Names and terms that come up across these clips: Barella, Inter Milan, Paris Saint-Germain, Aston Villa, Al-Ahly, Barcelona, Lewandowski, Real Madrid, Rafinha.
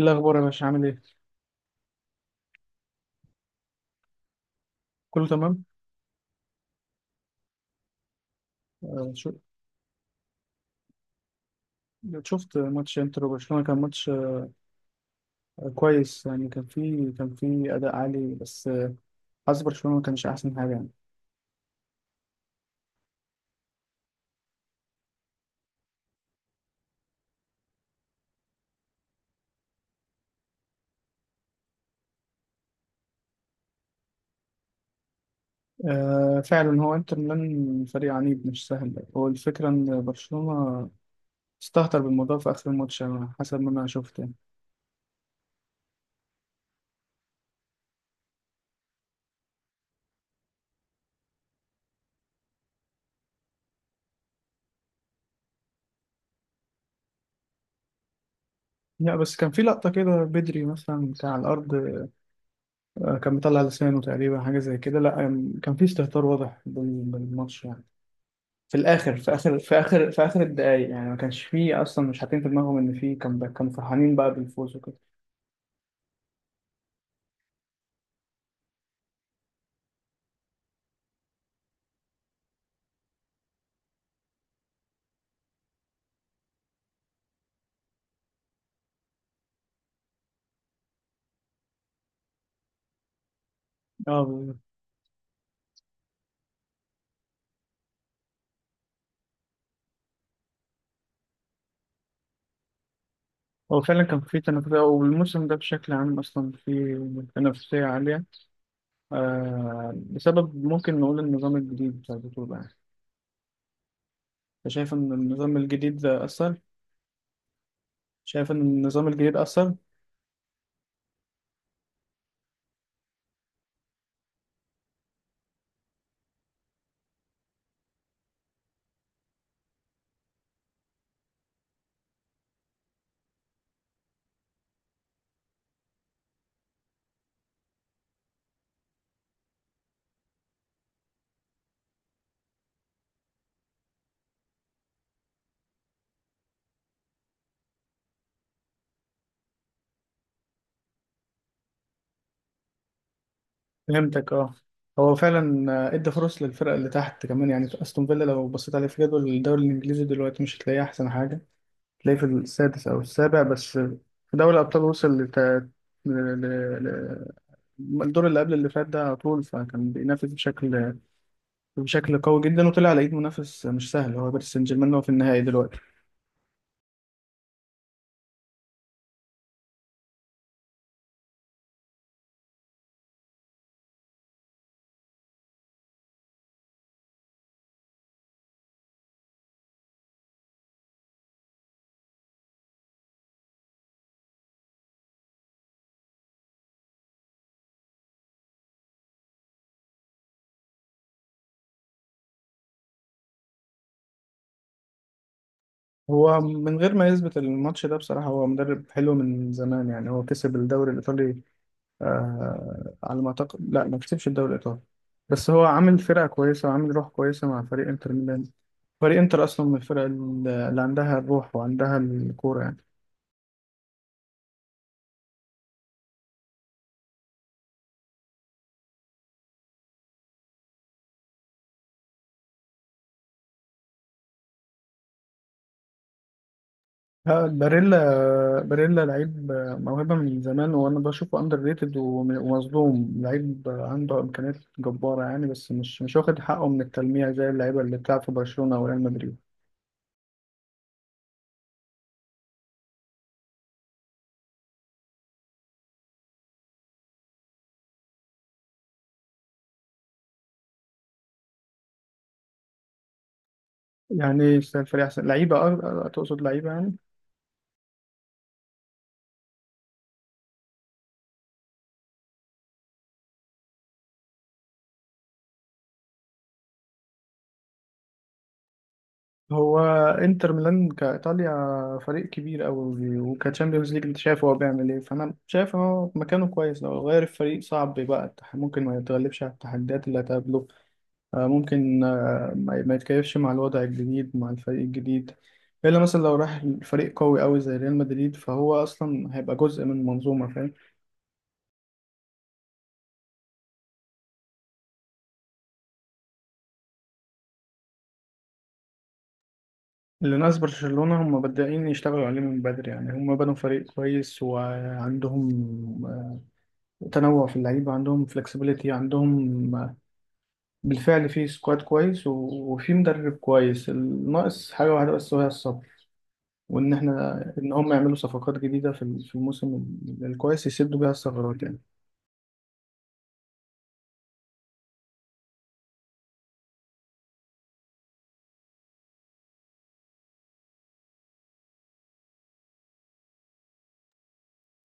إيه الأخبار يا باشا عامل إيه؟ كله تمام؟ آه، شو- شفت ماتش إنتر وبرشلونة، كان ماتش كويس يعني. كان فيه أداء عالي، بس حظ برشلونة ما كانش أحسن حاجة يعني. آه، فعلا هو إنتر ميلان فريق عنيد مش سهل. هو الفكرة إن برشلونة استهتر بالموضوع في آخر الماتش على حسب ما أنا شفت يعني. لا بس كان في لقطة كده بدري، مثلا كان على الأرض، آه، كان مطلع لسانه تقريبا، حاجة زي كده. لا آه، كان في استهتار واضح بالماتش يعني، في الاخر، في اخر الدقايق يعني، ما كانش فيه اصلا، مش حاطين في دماغهم ان فيه، كان كانوا فرحانين بقى بالفوز وكده. اه، بالظبط. هو فعلا كان فيه تنافسية، والموسم ده بشكل عام أصلا فيه تنافسية عالية. آه، بسبب ممكن نقول النظام الجديد بتاع البطولة يعني. أنت شايف إن النظام الجديد ده أثر؟ شايف إن النظام الجديد أثر؟ فهمتك، أه. هو فعلا آه، ادى فرص للفرق اللي تحت كمان يعني. أستون فيلا لو بصيت عليه في جدول الدوري الإنجليزي دلوقتي، مش هتلاقيه أحسن حاجة، تلاقيه في السادس أو السابع، بس في دوري الأبطال وصل لت... ل... ل... ل... الدور اللي قبل اللي فات ده على طول، فكان بينافس بشكل قوي جدا، وطلع على إيد منافس مش سهل هو باريس سان جيرمان، هو في النهائي دلوقتي. هو من غير ما يثبت الماتش ده بصراحة، هو مدرب حلو من زمان يعني. هو كسب الدوري الإيطالي، آه على ما أعتقد. لا، ما كسبش الدوري الإيطالي، بس هو عامل فرقة كويسة وعامل روح كويسة مع فريق إنتر ميلان. فريق إنتر أصلا من الفرق اللي عندها الروح وعندها الكورة يعني. لا، باريلا، باريلا لعيب موهبة من زمان، وأنا بشوفه أندر ريتد ومظلوم. لعيب عنده إمكانيات جبارة يعني، بس مش واخد حقه من التلميع زي اللعيبة اللي بتلعب في برشلونة أو ريال مدريد. يعني يستاهل فريق أحسن لعيبة، أه أه، تقصد لعيبة يعني. هو إنتر ميلان كإيطاليا فريق كبير أوي، وكتشامبيونز ليج أنت شايف هو بيعمل إيه. فأنا شايف إن هو مكانه كويس، لو غير الفريق صعب بقى ممكن ما يتغلبش على التحديات اللي هتقابله، ممكن ما يتكيفش مع الوضع الجديد، مع الفريق الجديد، إلا مثلا لو راح فريق قوي أوي زي ريال مدريد، فهو أصلا هيبقى جزء من منظومة، فاهم. اللي ناس برشلونة هم بادئين يشتغلوا عليه من بدري يعني، هم بنوا فريق كويس، وعندهم آه، تنوع في اللعيبة، عندهم فlexibility، عندهم بالفعل في سكواد كويس، وفي مدرب كويس. الناقص حاجة واحدة بس، وهي الصبر، وإن إحنا، إن هم يعملوا صفقات جديدة في الموسم الكويس، يسدوا بيها الثغرات يعني.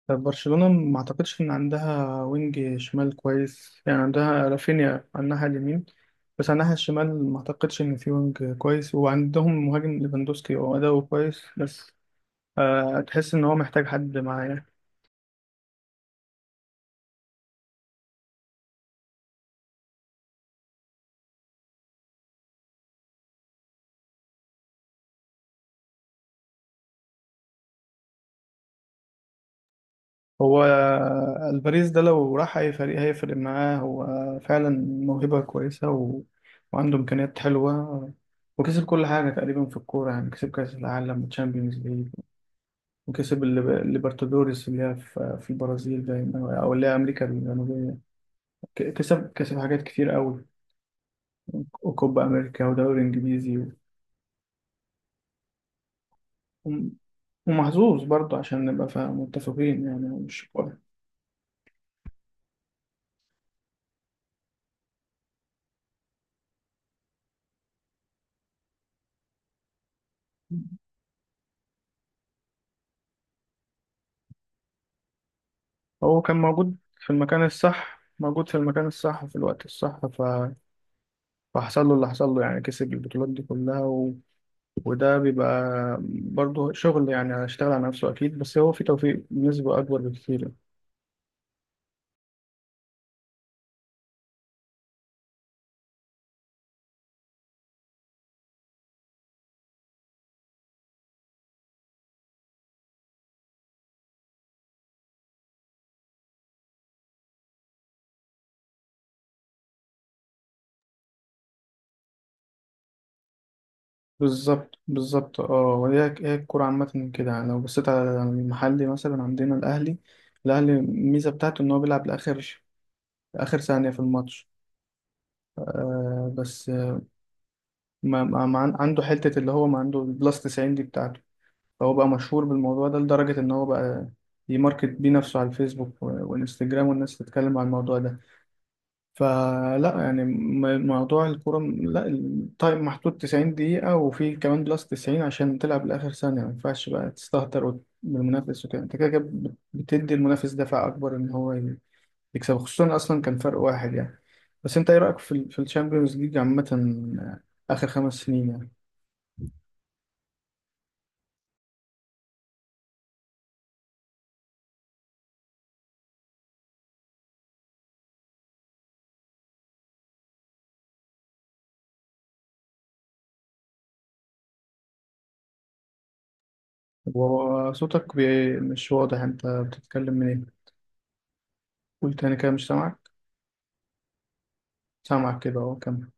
طب برشلونة ما اعتقدش ان عندها وينج شمال كويس يعني، عندها رافينيا على الناحية اليمين، بس على الناحية الشمال ما اعتقدش ان في وينج كويس، وعندهم مهاجم ليفاندوسكي، هو اداؤه كويس، بس تحس ان هو محتاج حد معاه يعني. هو الباريس ده لو راح اي فريق هيفرق معاه، هو فعلا موهبة كويسة، وعنده امكانيات حلوة، وكسب كل حاجة تقريبا في الكورة يعني، كسب كأس العالم وتشامبيونز ليج، وكسب الليبرتادوريس اللي هي في البرازيل دايما، او اللي هي امريكا الجنوبيه. كسب حاجات كتير قوي، وكوبا امريكا ودوري انجليزي، و- ومحظوظ برضه، عشان نبقى متفقين يعني، هو مش، هو كان موجود في المكان الصح، موجود في المكان الصح وفي الوقت الصح، فحصل له اللي حصل له يعني، كسب البطولات دي كلها، وده بيبقى برضه شغل يعني، هيشتغل على نفسه أكيد، بس هو في توفيق بنسبة أكبر بكتير. بالظبط، بالظبط. اه، هي هي الكورة عامة كده يعني. لو بصيت على المحلي مثلا عندنا الأهلي، الأهلي الميزة بتاعته إن هو بيلعب لآخر، آخر ثانية في الماتش. آه، بس آه، ما, ما ما عن- عنده حتة اللي هو ما عنده البلس 90 دي بتاعته، فهو بقى مشهور بالموضوع ده لدرجة إن هو بقى يماركت بيه نفسه على الفيسبوك وإنستجرام، والناس تتكلم عن الموضوع ده. فلا يعني موضوع الكورة، لا التايم محدود 90 دقيقة، وفي كمان بلس 90 عشان تلعب لآخر ثانية. ما ينفعش بقى تستهتر بالمنافس وكده، انت كده بتدي المنافس دفع أكبر إن هو يكسب، خصوصا أصلا كان فرق واحد يعني. بس أنت إيه رأيك في في الشامبيونز ليج عامة، آخر 5 سنين يعني؟ وصوتك مش واضح، أنت بتتكلم من إيه؟ قول تاني كده، مش سامعك. سامعك كده أهو، كمل.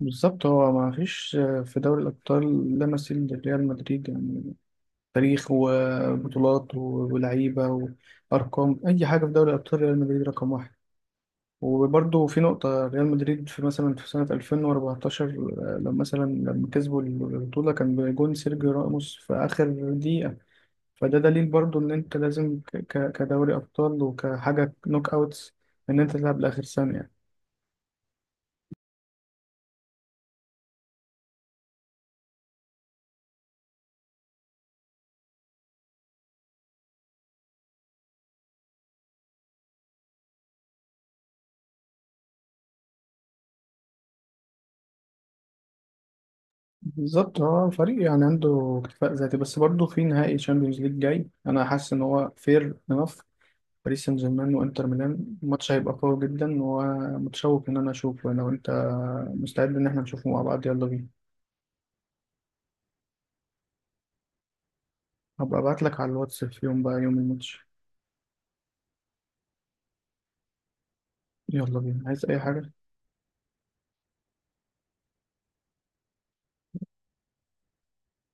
بالظبط، هو ما فيش في دوري الأبطال لا مثيل لريال مدريد يعني، تاريخ وبطولات ولعيبة وأرقام، أي حاجة في دوري الأبطال ريال مدريد رقم واحد. وبرضه في نقطة، ريال مدريد في مثلا في سنة 2014، آه، لما مثلا لما كسبوا البطولة كان بجون سيرجيو راموس في آخر دقيقة، فده دليل برضه إن أنت لازم كدوري أبطال وكحاجة نوك أوتس، إن أنت تلعب لآخر ثانية. بالظبط، هو فريق يعني عنده اكتفاء ذاتي، بس برضه في نهائي تشامبيونز ليج جاي، انا حاسس ان هو فير انف. باريس سان جيرمان وانتر ميلان، الماتش هيبقى قوي جدا، ومتشوق ان انا اشوفه، لو انت مستعد ان احنا نشوفه مع بعض، يلا بينا. هبقى ابعت لك على الواتس في يوم، بقى يوم الماتش. يلا بينا، عايز اي حاجة؟